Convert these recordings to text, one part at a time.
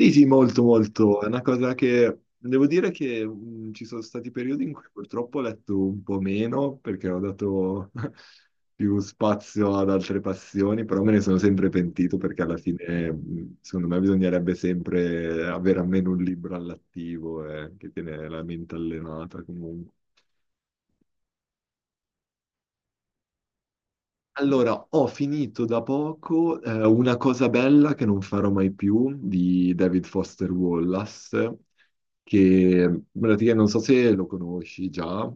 Sì, sì, molto, molto. È una cosa che devo dire che ci sono stati periodi in cui purtroppo ho letto un po' meno perché ho dato più spazio ad altre passioni, però me ne sono sempre pentito perché alla fine, secondo me, bisognerebbe sempre avere almeno un libro all'attivo che tiene la mente allenata comunque. Allora, ho finito da poco Una cosa bella che non farò mai più di David Foster Wallace, che praticamente non so se lo conosci già.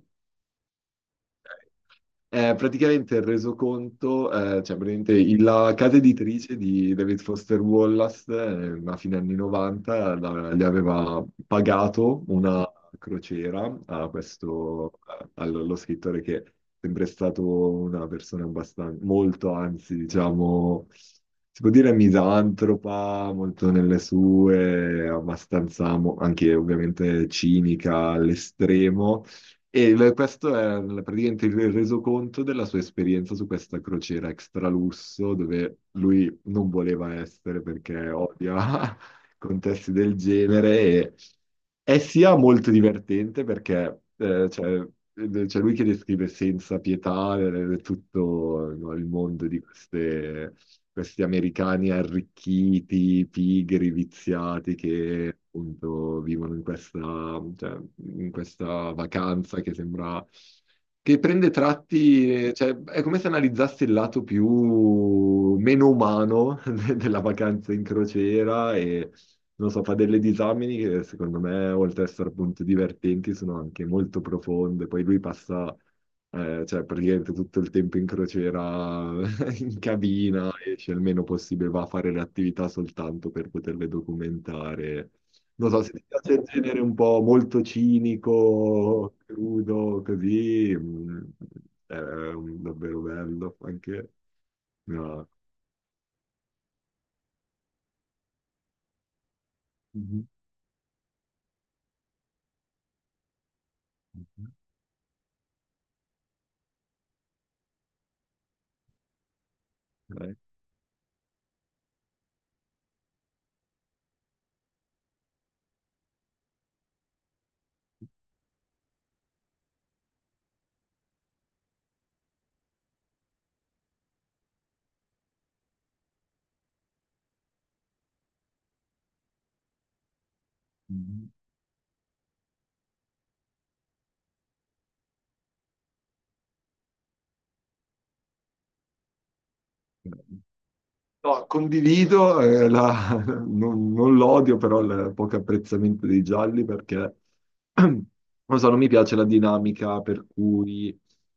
È praticamente il resoconto, la casa editrice di David Foster Wallace, a fine anni 90, gli aveva pagato una crociera allo scrittore che è sempre stato una persona abbastanza, molto, anzi, diciamo, si può dire misantropa, molto nelle sue, abbastanza anche ovviamente cinica all'estremo e questo è praticamente il resoconto della sua esperienza su questa crociera extra lusso, dove lui non voleva essere perché odia contesti del genere. E è sia molto divertente perché c'è lui che descrive senza pietà tutto no, il mondo di queste questi americani arricchiti, pigri, viziati che appunto vivono cioè, in questa vacanza che sembra che prende tratti, cioè è come se analizzassi il lato più meno umano della vacanza in crociera e non so, fa delle disamine che secondo me, oltre ad essere appunto divertenti, sono anche molto profonde. Poi lui passa cioè praticamente tutto il tempo in crociera, in cabina, esce il meno possibile, va a fare le attività soltanto per poterle documentare. Non so, se ti piace il genere un po' molto cinico, crudo, così, è davvero bello anche. No. Mhm. Dai. Mhm. No, condivido, non l'odio, però il poco apprezzamento dei gialli perché non so, non mi piace la dinamica per cui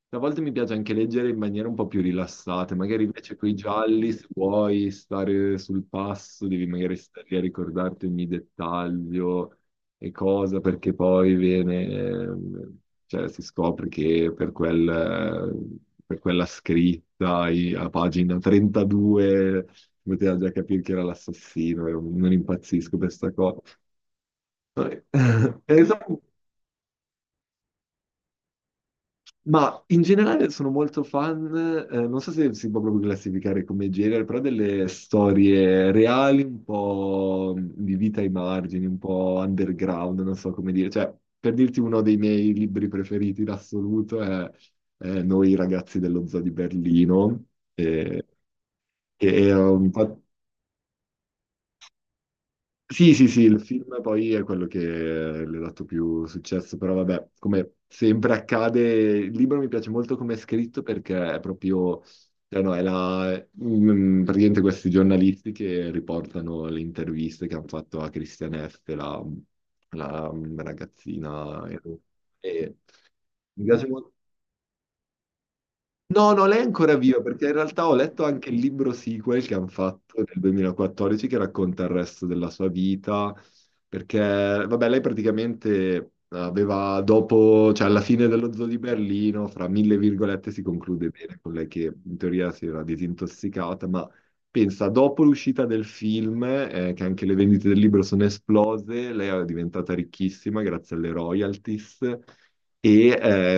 a volte mi piace anche leggere in maniera un po' più rilassata, magari invece con i gialli, se vuoi stare sul passo, devi magari stare lì a ricordarti ogni dettaglio e cosa, perché poi viene, cioè, si scopre che per quella scritta a pagina 32 poteva già capire chi era l'assassino, io non impazzisco per sta cosa. Eh, e so- Ma in generale sono molto fan, non so se si può proprio classificare come genere, però delle storie reali, un po' di vita ai margini, un po' underground, non so come dire. Cioè, per dirti uno dei miei libri preferiti in assoluto è Noi ragazzi dello zoo di Berlino, eh, che era un po'... Sì, sì, sì, il film poi è quello che le ha dato più successo, però vabbè, come sempre accade, il libro mi piace molto come è scritto perché è proprio, cioè no, praticamente questi giornalisti che riportano le interviste che hanno fatto a Christiane F., la ragazzina. E, mi piace molto. No, no, lei è ancora viva perché in realtà ho letto anche il libro sequel che hanno fatto nel 2014 che racconta il resto della sua vita, perché vabbè, lei praticamente aveva dopo, cioè alla fine dello zoo di Berlino, fra mille virgolette si conclude bene con lei che in teoria si era disintossicata, ma pensa, dopo l'uscita del film, che anche le vendite del libro sono esplose, lei è diventata ricchissima grazie alle royalties. E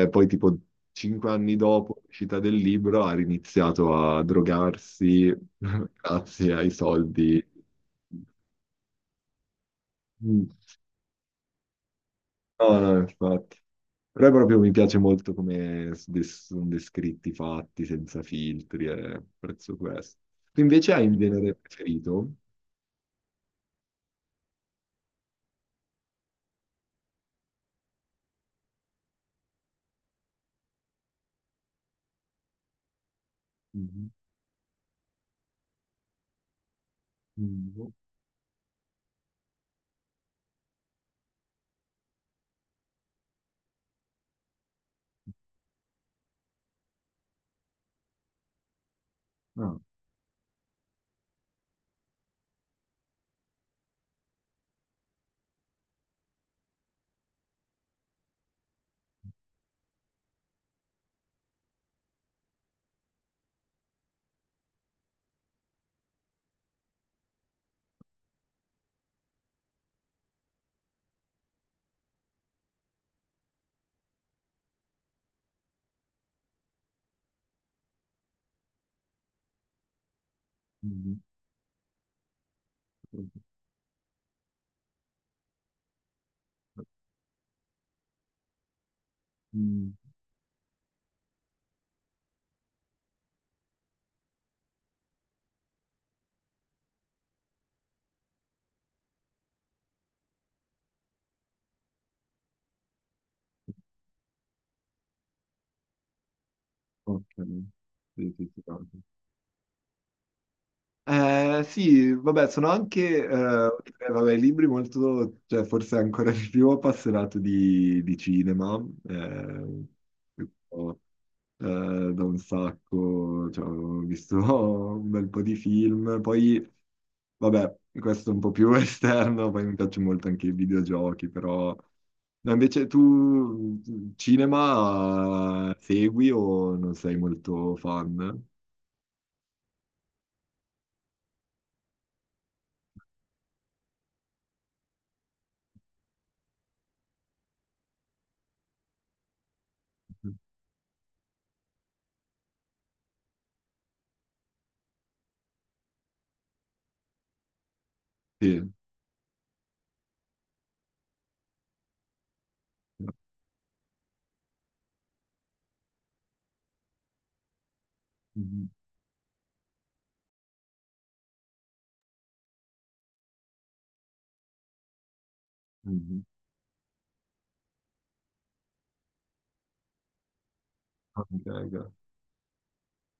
poi tipo 5 anni dopo l'uscita del libro ha riniziato a drogarsi grazie ai soldi. Mm. No, no, infatti. Però proprio mi piace molto come sono descritti, i fatti, senza filtri, e apprezzo questo. Tu invece hai un genere preferito? Mhm. Mm. Ah. Mhm. Mm. Ok. Sì, sì, sì, no. Sì, vabbè, sono anche, vabbè, i libri molto, cioè forse ancora di più appassionato di cinema, ho, da un sacco, cioè, ho visto un bel po' di film, poi, vabbè, questo è un po' più esterno, poi mi piacciono molto anche i videogiochi, però... No, invece tu cinema segui o non sei molto fan? Sì. Mhm. Mhm. Ok, ok.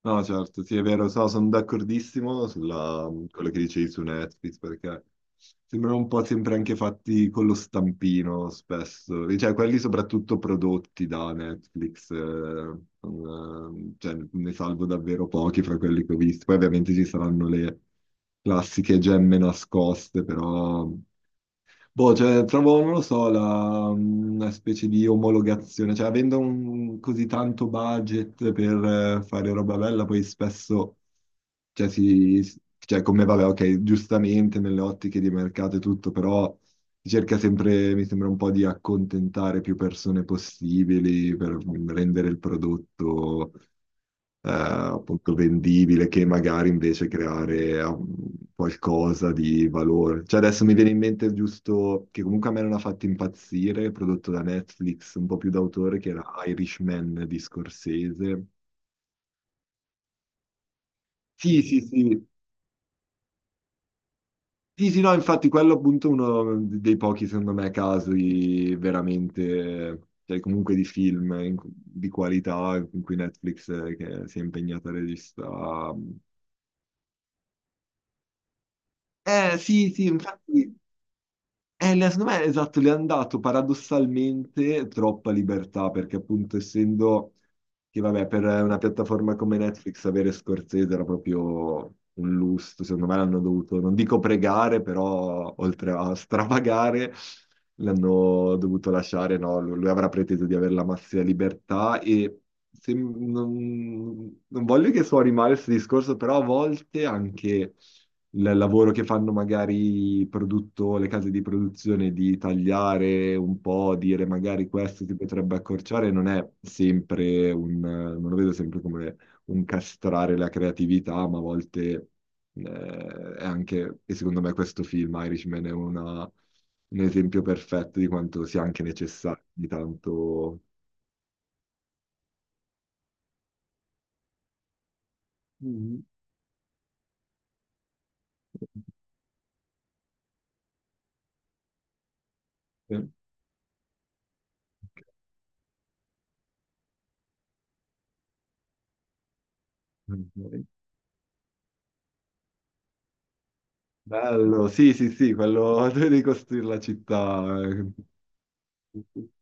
No, certo, sì, è vero, sono d'accordissimo sulla quello che dicevi su Netflix, perché sembrano un po' sempre anche fatti con lo stampino, spesso. Cioè, quelli soprattutto prodotti da Netflix, cioè, ne salvo davvero pochi fra quelli che ho visto. Poi ovviamente ci saranno le classiche gemme nascoste, però... Boh, cioè, trovo, non lo so, una specie di omologazione, cioè avendo così tanto budget per fare roba bella, poi spesso, cioè, cioè come vabbè, ok, giustamente nelle ottiche di mercato e tutto, però si cerca sempre, mi sembra un po' di accontentare più persone possibili per rendere il prodotto appunto vendibile che magari invece creare qualcosa di valore. Cioè adesso mi viene in mente giusto che comunque a me non ha fatto impazzire, prodotto da Netflix, un po' più d'autore, che era Irishman di Scorsese. Sì, sì, sì. Sì, sì, no, infatti quello appunto è uno dei pochi, secondo me, casi veramente, cioè comunque di film di qualità in cui Netflix che si è impegnata a regista. Eh sì, sì, infatti. Secondo me, esatto, le hanno dato paradossalmente troppa libertà, perché appunto essendo che, vabbè, per una piattaforma come Netflix avere Scorsese era proprio un lusso, secondo me l'hanno dovuto, non dico pregare, però oltre a stravagare, l'hanno dovuto lasciare, no? Lui avrà preteso di avere la massima libertà e non voglio che suoni male questo discorso, però a volte anche il lavoro che fanno magari i le case di produzione di tagliare un po', dire magari questo si potrebbe accorciare, non è sempre un, non lo vedo sempre come un castrare la creatività, ma a volte eh, è anche, e secondo me questo film Irishman è un esempio perfetto di quanto sia anche necessario di tanto... Mhm. Eh, ok. Bello, sì, sì, sì, quello di ricostruire la città.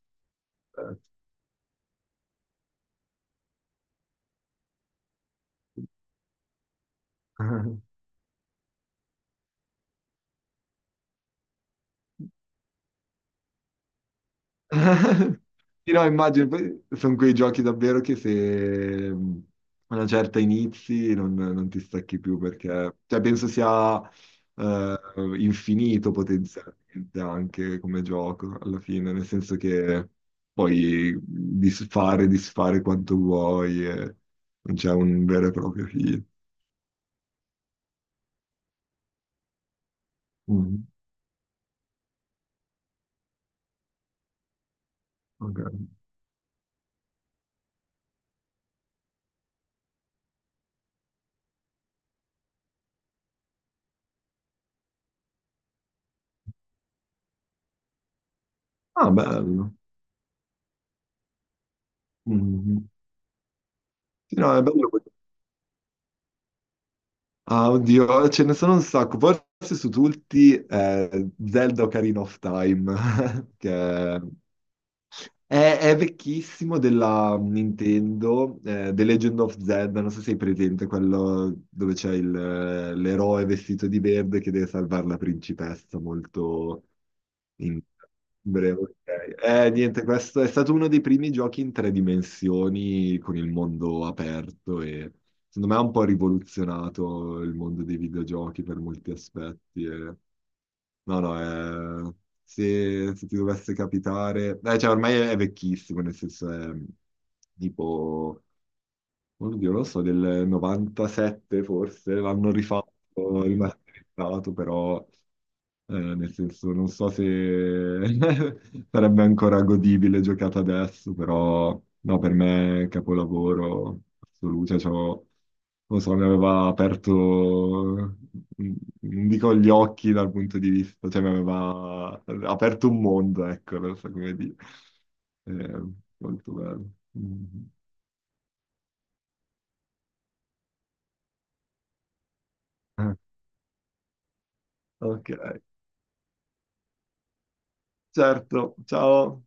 Sì, no, immagino, poi sono quei giochi davvero che se a una certa inizi non ti stacchi più perché, cioè, penso sia eh, infinito potenzialmente anche come gioco alla fine, nel senso che puoi disfare, disfare quanto vuoi e non c'è un vero e proprio fine. Mhm, ok. Ah, bello. Mhm. Sì, no, è bello. Ah, oddio, ce ne sono un sacco. Forse su tutti Zelda Ocarina of Time, che è vecchissimo della Nintendo, The Legend of Zelda, non so se hai presente, quello dove c'è l'eroe vestito di verde che deve salvare la principessa, molto, in breve, ok. Niente, questo è stato uno dei primi giochi in tre dimensioni con il mondo aperto e secondo me ha un po' rivoluzionato il mondo dei videogiochi per molti aspetti. No, no, se ti dovesse capitare... cioè, ormai è vecchissimo, nel senso è tipo, oddio, non lo so, del 97 forse, l'hanno rifatto, rimasterizzato, però... nel senso, non so se sarebbe ancora godibile giocata adesso, però no, per me è capolavoro assoluto. Cioè, non so, mi aveva aperto, non dico gli occhi dal punto di vista, cioè mi aveva aperto un mondo, ecco, non so come dire. Eh, molto bello. Mhm. Ok, certo, ciao.